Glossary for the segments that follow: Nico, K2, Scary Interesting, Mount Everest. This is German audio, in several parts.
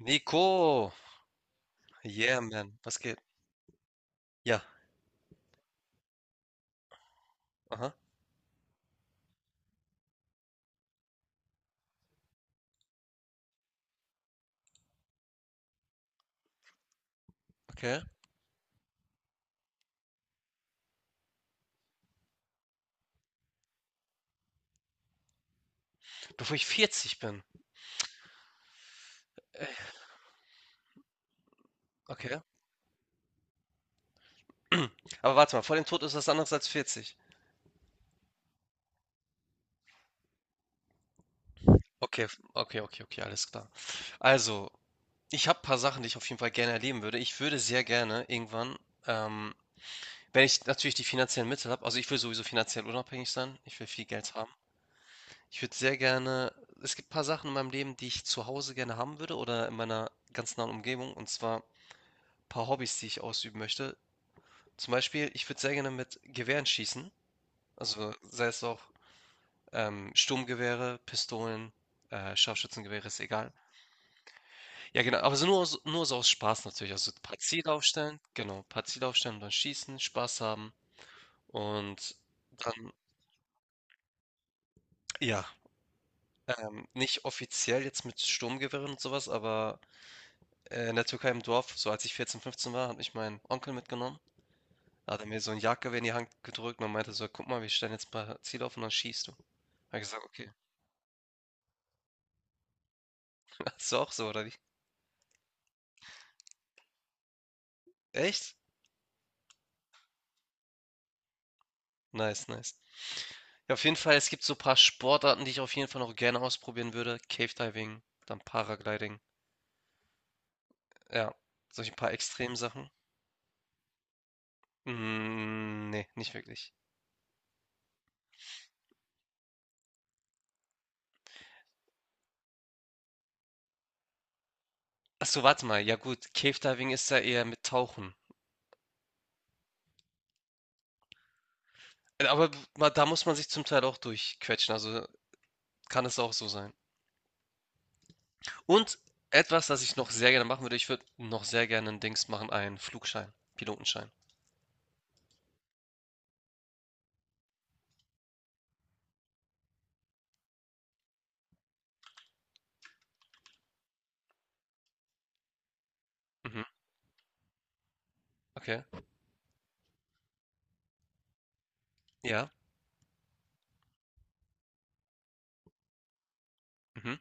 Nico, yeah man, was geht? Ja, aha, okay. Bevor ich 40 bin, okay. Aber warte mal, vor dem Tod ist was anderes als 40. Okay, okay, okay, okay, alles klar. Also, ich habe ein paar Sachen, die ich auf jeden Fall gerne erleben würde. Ich würde sehr gerne irgendwann, ähm, wenn ich natürlich die finanziellen Mittel habe, also ich will sowieso finanziell unabhängig sein, ich will viel Geld haben. Ich würde sehr gerne, es gibt ein paar Sachen in meinem Leben, die ich zu Hause gerne haben würde oder in meiner ganz nahen Umgebung, und zwar ein paar Hobbys, die ich ausüben möchte. Zum Beispiel, ich würde sehr gerne mit Gewehren schießen. Also sei es auch Sturmgewehre, Pistolen, Scharfschützengewehre, ist egal. Ja, genau, aber so nur, nur so aus Spaß natürlich. Also ein paar Ziele aufstellen, genau, ein paar Ziele aufstellen und dann schießen, Spaß haben. Und dann, ja, nicht offiziell jetzt mit Sturmgewehren und sowas, aber in der Türkei im Dorf, so als ich 14, 15 war, hat mich mein Onkel mitgenommen. Da hat er mir so ein Jagdgewehr in die Hand gedrückt und meinte so, guck mal, wir stellen jetzt ein paar Ziele auf und dann schießt du. Hab ich gesagt, okay. Ist du auch so, oder wie? Echt? Nice, nice. Ja, auf jeden Fall, es gibt so ein paar Sportarten, die ich auf jeden Fall noch gerne ausprobieren würde. Cave Diving, dann Paragliding. Ja, solche paar Extremsachen. Mm, nee, nicht wirklich. Ach so, warte mal. Ja gut, Cave Diving ist ja eher mit Tauchen. Aber da muss man sich zum Teil auch durchquetschen. Also kann es auch so sein. Und etwas, das ich noch sehr gerne machen würde, ich würde noch sehr gerne ein Dings machen, einen Flugschein, Pilotenschein. Mhm, okay. Ja. Mhm,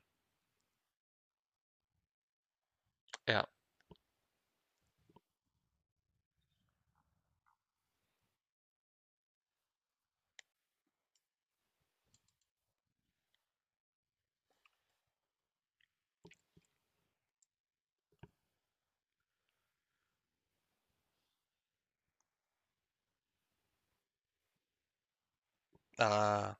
ja. Ah,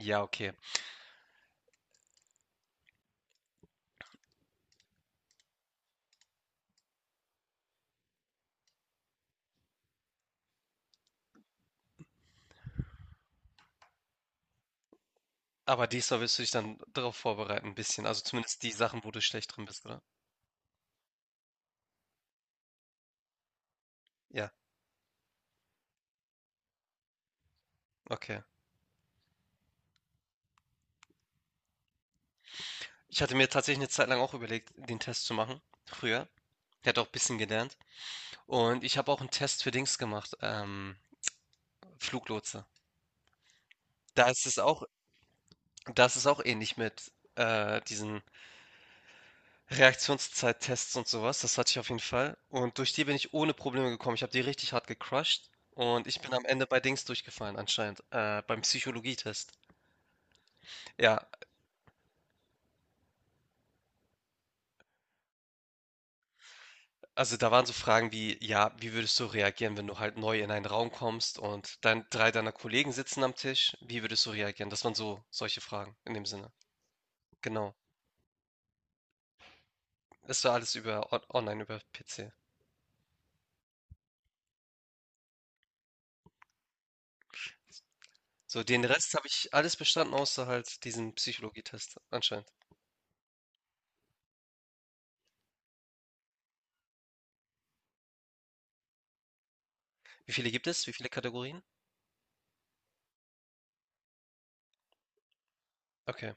ja, okay. Aber diesmal willst du dich dann darauf vorbereiten ein bisschen, also zumindest die Sachen, wo du schlecht drin bist, oder? Ja, okay. Ich hatte mir tatsächlich eine Zeit lang auch überlegt, den Test zu machen, früher. Ich hatte auch ein bisschen gelernt und ich habe auch einen Test für Dings gemacht, Fluglotse. Da ist es auch das ist auch ähnlich mit, diesen Reaktionszeittests und sowas. Das hatte ich auf jeden Fall und durch die bin ich ohne Probleme gekommen. Ich habe die richtig hart gecrushed und ich bin am Ende bei Dings durchgefallen anscheinend, beim Psychologietest. Ja. Also, da waren so Fragen wie, ja, wie würdest du reagieren, wenn du halt neu in einen Raum kommst und dann 3 deiner Kollegen sitzen am Tisch? Wie würdest du reagieren? Das waren so solche Fragen in dem Sinne. Genau. Das war alles über on online über PC. So, den Rest habe ich alles bestanden, außer halt diesen Psychologietest anscheinend. Wie viele gibt es? Wie viele Kategorien? Okay.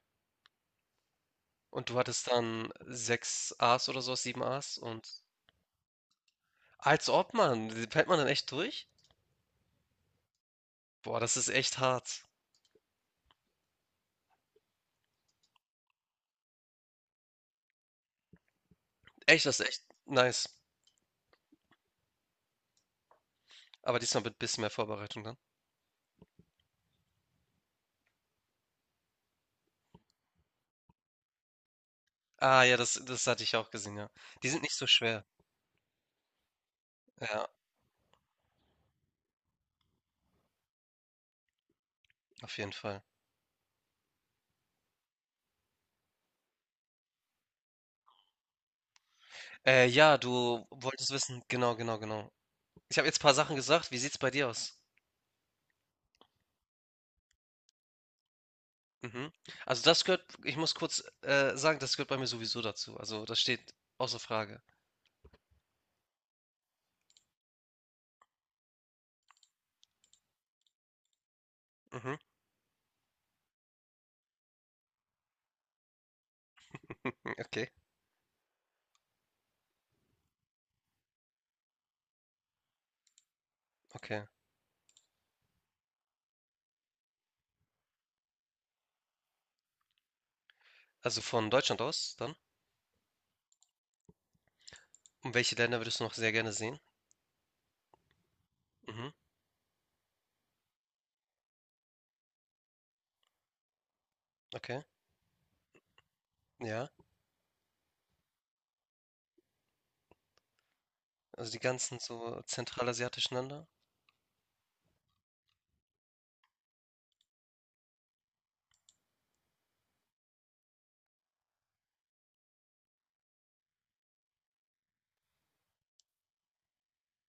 Und du hattest dann 6 A's oder so, 7 A's und als ob, man, fällt man dann echt durch? Boah, das ist echt hart. Echt, das ist echt nice. Aber diesmal mit ein bisschen mehr Vorbereitung dann. Ah ja, das hatte ich auch gesehen, ja. Die sind nicht so schwer. Ja, auf jeden Fall. Ja, du wolltest wissen, genau, genau, genau. Ich habe jetzt ein paar Sachen gesagt. Wie sieht's bei dir aus? Mhm. Also das gehört, ich muss kurz sagen, das gehört bei mir sowieso dazu. Also das steht außer Frage. Mhm. Hm, okay, okay. Also von Deutschland aus dann? Und welche Länder würdest du noch sehr gerne sehen? Mhm. Okay. Ja. Also die ganzen so zentralasiatischen Länder?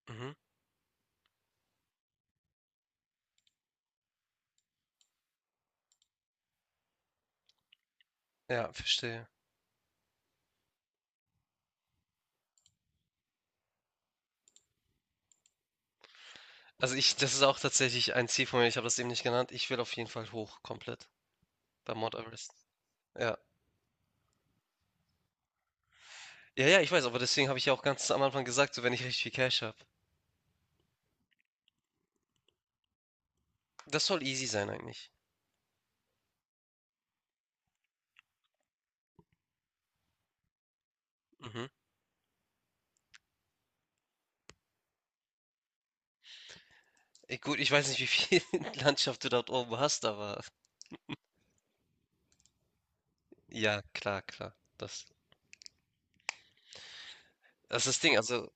Mhm. Ja, verstehe. Also ich, das ist auch tatsächlich ein Ziel von mir. Ich habe das eben nicht genannt. Ich will auf jeden Fall hoch, komplett bei Mount Everest. Ja. Ja, ja, ich weiß, aber deswegen habe ich ja auch ganz am Anfang gesagt, so wenn ich richtig viel Cash habe. Das soll easy sein eigentlich. Mhm. Gut, ich weiß nicht, wie viel Landschaft du dort oben hast, aber ja, klar, klar. Das, das ist das Ding. Also,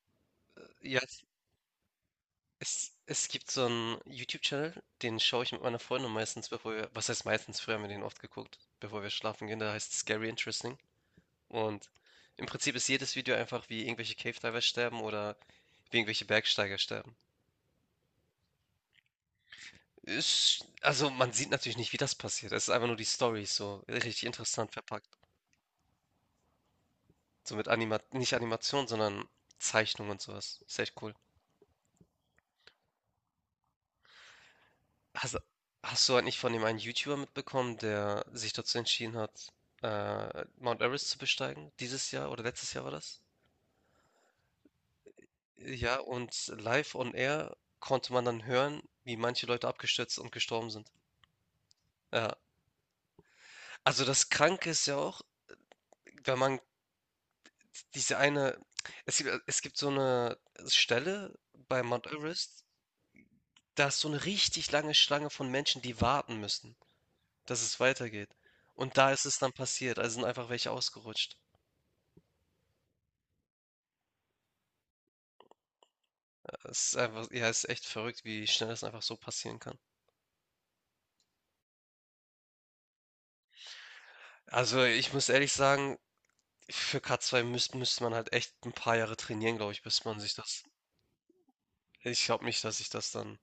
ja, es gibt so einen YouTube-Channel, den schaue ich mit meiner Freundin meistens, bevor wir, was heißt meistens, früher haben wir den oft geguckt, bevor wir schlafen gehen, der heißt Scary Interesting. Und im Prinzip ist jedes Video einfach, wie irgendwelche Cave Diver sterben oder wie irgendwelche Bergsteiger sterben. Ist, also man sieht natürlich nicht, wie das passiert. Es ist einfach nur die Story so richtig interessant verpackt. So mit Anima nicht Animation, sondern Zeichnung und sowas. Ist echt cool. Hast, hast du halt nicht von dem einen YouTuber mitbekommen, der sich dazu entschieden hat, Mount Everest zu besteigen? Dieses Jahr oder letztes Jahr war das? Ja, und live on air konnte man dann hören, wie manche Leute abgestürzt und gestorben sind. Ja. Also, das Kranke ist ja auch, wenn man diese eine es gibt so eine Stelle bei Mount Everest, da ist so eine richtig lange Schlange von Menschen, die warten müssen, dass es weitergeht. Und da ist es dann passiert, also sind einfach welche ausgerutscht. Es ist einfach ja, es ist echt verrückt, wie schnell das einfach so passieren kann. Also, ich muss ehrlich sagen, für K2 müsste man halt echt ein paar Jahre trainieren, glaube ich, bis man sich das ich glaube nicht, dass ich das dann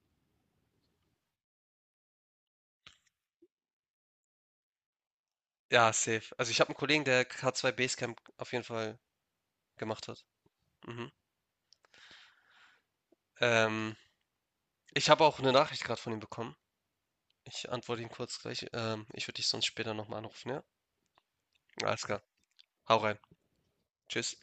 ja, safe. Also, ich habe einen Kollegen, der K2 Basecamp auf jeden Fall gemacht hat. Mhm. Ähm, Ich habe auch eine Nachricht gerade von ihm bekommen. Ich antworte ihm kurz gleich. Ich würde dich sonst später noch mal anrufen, ja? Alles klar. Hau rein. Tschüss.